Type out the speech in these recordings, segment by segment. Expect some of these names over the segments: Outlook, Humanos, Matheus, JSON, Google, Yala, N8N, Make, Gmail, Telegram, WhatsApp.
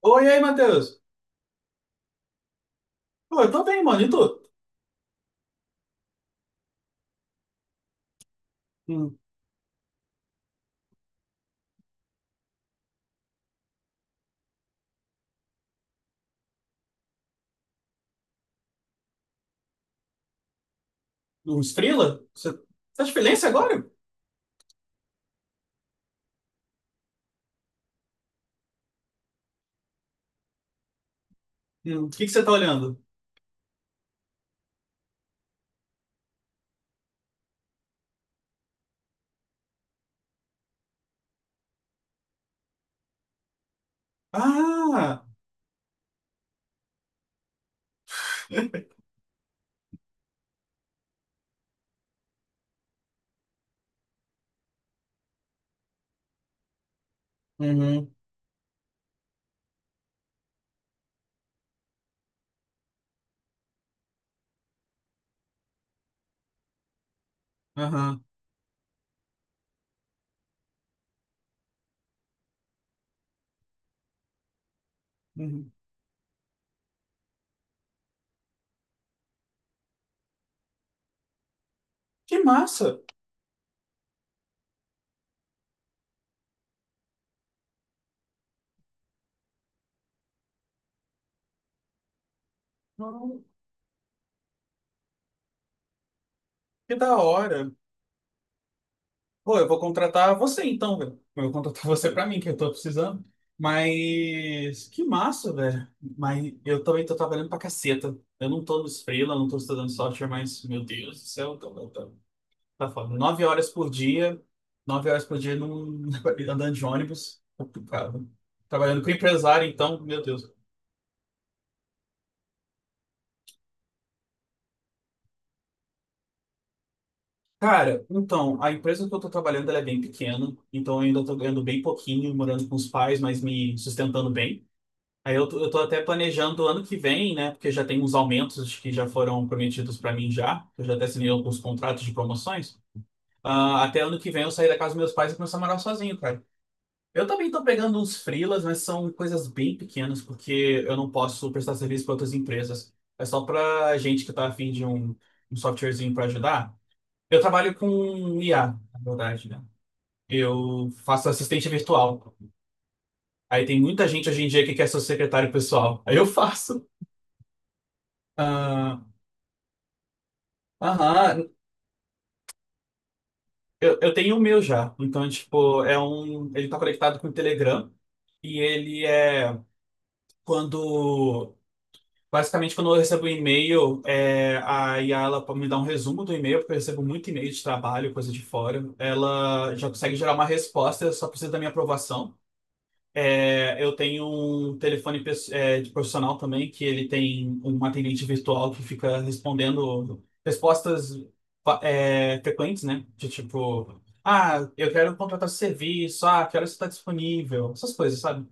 Oi, e aí, Matheus? Pô, eu tô bem, mano. E tu? Hum. Uns freela? Você tá de freelancer agora? Hum. O que que você tá olhando? Ah! Uhum, aham. Uhum. Que massa! Hum. Que da hora. Pô, eu vou contratar você então, velho. Eu vou contratar você pra mim, que eu tô precisando. Mas que massa, velho. Mas eu também tô trabalhando pra caceta. Eu não tô nos freela, não tô estudando software, mas meu Deus do céu, tô. Tá foda. Nove horas por dia, nove horas por dia num, andando de ônibus, complicado. Trabalhando com empresário, então, meu Deus. Cara, então, a empresa que eu tô trabalhando, ela é bem pequena, então eu ainda tô ganhando bem pouquinho, morando com os pais, mas me sustentando bem. Aí eu tô até planejando ano que vem, né, porque já tem uns aumentos que já foram prometidos pra mim já, eu já até assinei alguns contratos de promoções. Ah, até ano que vem eu sair da casa dos meus pais e começar a morar sozinho, cara. Eu também tô pegando uns freelas, mas são coisas bem pequenas, porque eu não posso prestar serviço para outras empresas. É só para gente que tá afim de um softwarezinho para ajudar. Eu trabalho com IA, na verdade, né? Eu faço assistente virtual. Aí tem muita gente hoje em dia que quer ser secretário pessoal. Aí eu faço. Ah. Aham. Eu tenho o meu já. Então, tipo, ele tá conectado com o Telegram. E ele é quando Basicamente, quando eu recebo um e-mail, a Yala me dá um resumo do e-mail, porque eu recebo muito e-mail de trabalho, coisa de fora. Ela já consegue gerar uma resposta, eu só precisa da minha aprovação. Eu tenho um telefone de profissional também, que ele tem um atendente virtual que fica respondendo respostas frequentes, né? De tipo, ah, eu quero contratar esse serviço, ah, que horas você está disponível, essas coisas, sabe?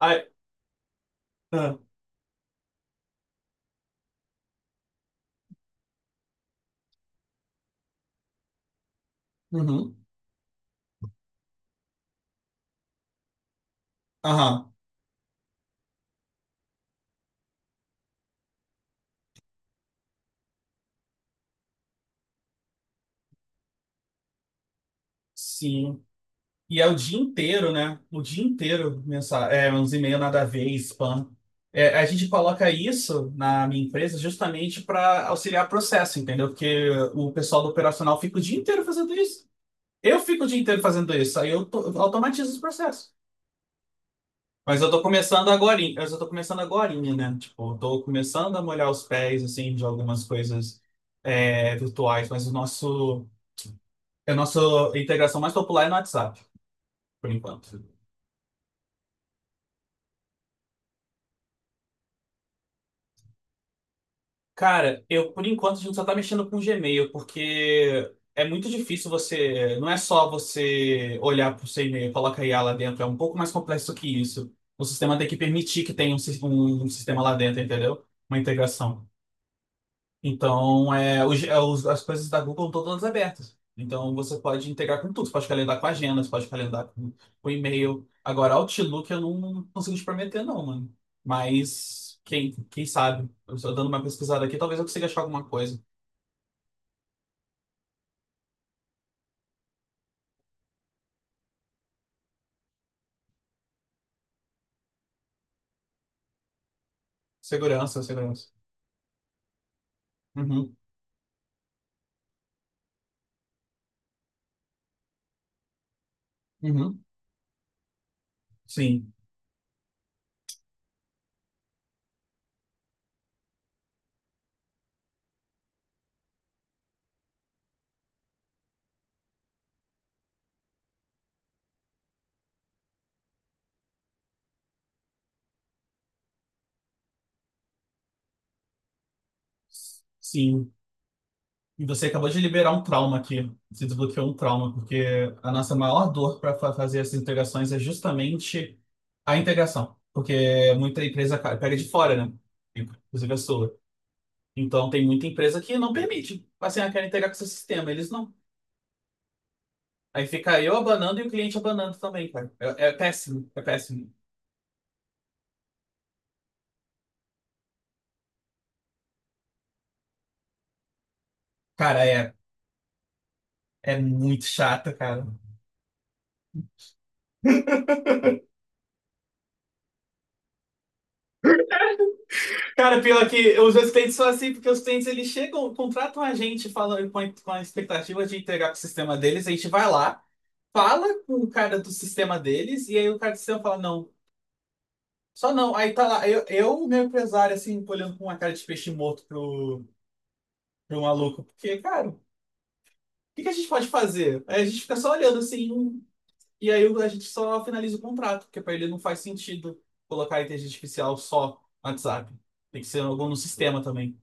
Ah, ah, uhum. Aham. Sim. E é o dia inteiro, né? O dia inteiro, uns e-mail nada a ver, spam. É, a gente coloca isso na minha empresa justamente para auxiliar processo, entendeu? Porque o pessoal do operacional fica o dia inteiro fazendo isso. Eu fico o dia inteiro fazendo isso, aí eu automatizo os processos. Mas eu tô começando agora, eu só tô começando agora, né? Tipo, eu tô começando a molhar os pés, assim, de algumas coisas virtuais, mas o nosso, é a nossa integração mais popular é no WhatsApp, por enquanto. Cara, eu por enquanto a gente só tá mexendo com o Gmail, porque é muito difícil você. Não é só você olhar pro seu e-mail e colocar IA lá dentro, é um pouco mais complexo que isso. O sistema tem que permitir que tenha um sistema lá dentro, entendeu? Uma integração. Então, as coisas da Google estão todas abertas. Então, você pode integrar com tudo. Você pode calendar com a agenda, você pode calendar com e-mail. Agora, Outlook eu não consigo te prometer, não, mano. Mas, quem sabe? Eu estou dando uma pesquisada aqui, talvez eu consiga achar alguma coisa. Segurança, segurança. Uhum, uhum. Sim, sim. E você acabou de liberar um trauma aqui. Você desbloqueou um trauma, porque a nossa maior dor para fazer essas integrações é justamente a integração. Porque muita empresa pega de fora, né? Inclusive a sua. Então tem muita empresa que não permite. Assim, ah, quero integrar com seu sistema. Eles não. Aí fica eu abanando e o cliente abanando também, cara. É péssimo, é péssimo. Cara, é muito chato, cara. Cara, pior que os assistentes são assim, porque os clientes eles chegam, contratam a gente falando com a expectativa de entregar para o sistema deles, a gente vai lá, fala com o cara do sistema deles, e aí o cara do sistema fala, não, só não. Aí tá lá, eu meu empresário, assim, olhando com uma cara de peixe morto pro, maluco, porque, cara, o que que a gente pode fazer? Aí a gente fica só olhando assim, e aí a gente só finaliza o contrato, porque para ele não faz sentido colocar a inteligência artificial só no WhatsApp. Tem que ser algum no sistema também.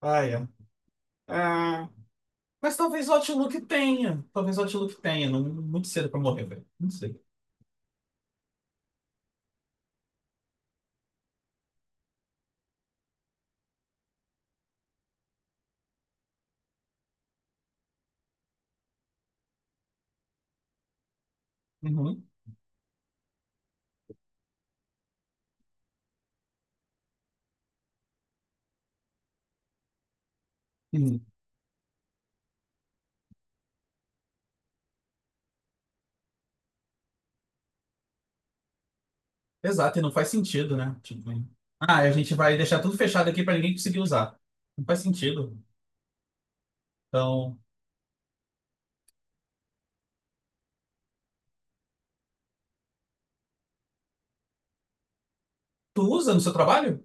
Ah, é. Mas talvez o Outlook tenha. Talvez o Outlook tenha. Não, muito cedo pra morrer, velho. Não sei. Uhum. Uhum. Exato, e não faz sentido, né? Tipo, ah, a gente vai deixar tudo fechado aqui pra ninguém conseguir usar. Não faz sentido. Então, tu usa no seu trabalho?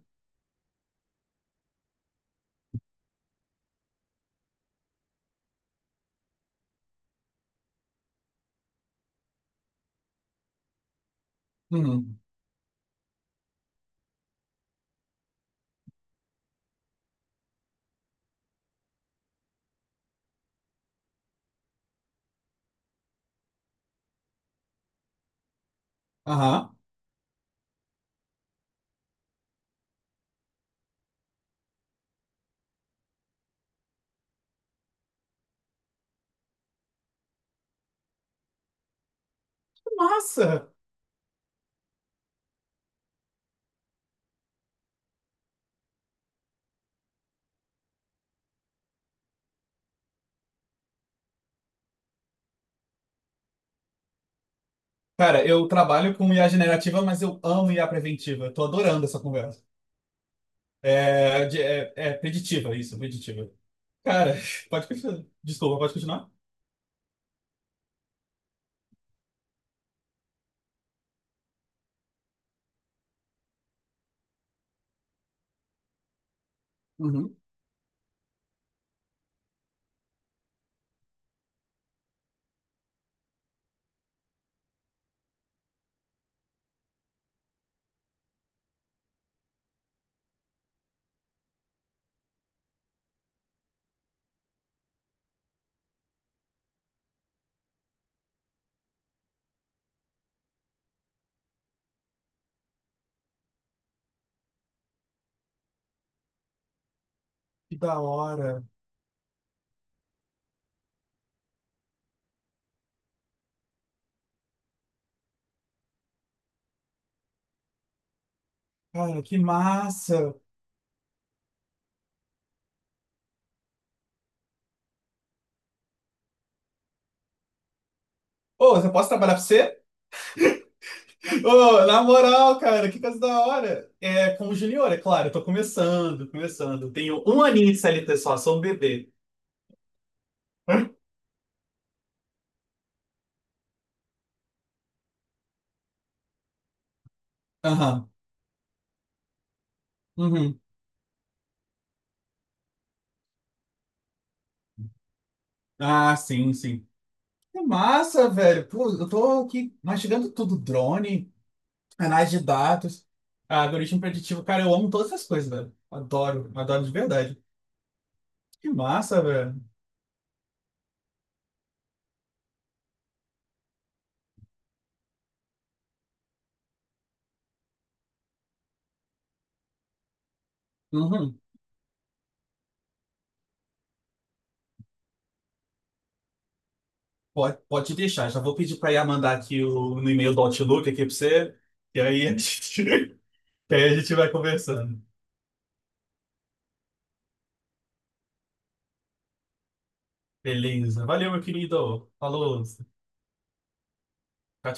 Uhum. Aham. Massa! Cara, eu trabalho com IA generativa, mas eu amo IA preventiva. Eu tô adorando essa conversa. É, é preditiva, isso, preditiva. Cara, pode continuar. Desculpa, pode continuar? Uhum. Que da hora. Cara, que massa. Ô, eu posso trabalhar pra você? Ô, na moral, cara, que coisa da hora. É, como junior, é claro, eu tô começando, começando. Tenho um aninho de CLT só, sou um bebê. Aham. Uhum. Ah, sim, sim. Que massa, velho. Pô, eu tô aqui mastigando tudo. Drone, análise de dados, algoritmo preditivo. Cara, eu amo todas essas coisas, velho. Adoro, adoro de verdade. Que massa, velho. Uhum. Pode, pode deixar. Já vou pedir pra IA mandar aqui no e-mail do Outlook aqui pra você. E aí a gente, e aí a gente vai conversando. Beleza. Valeu, meu querido. Falou. Tchau, tchau.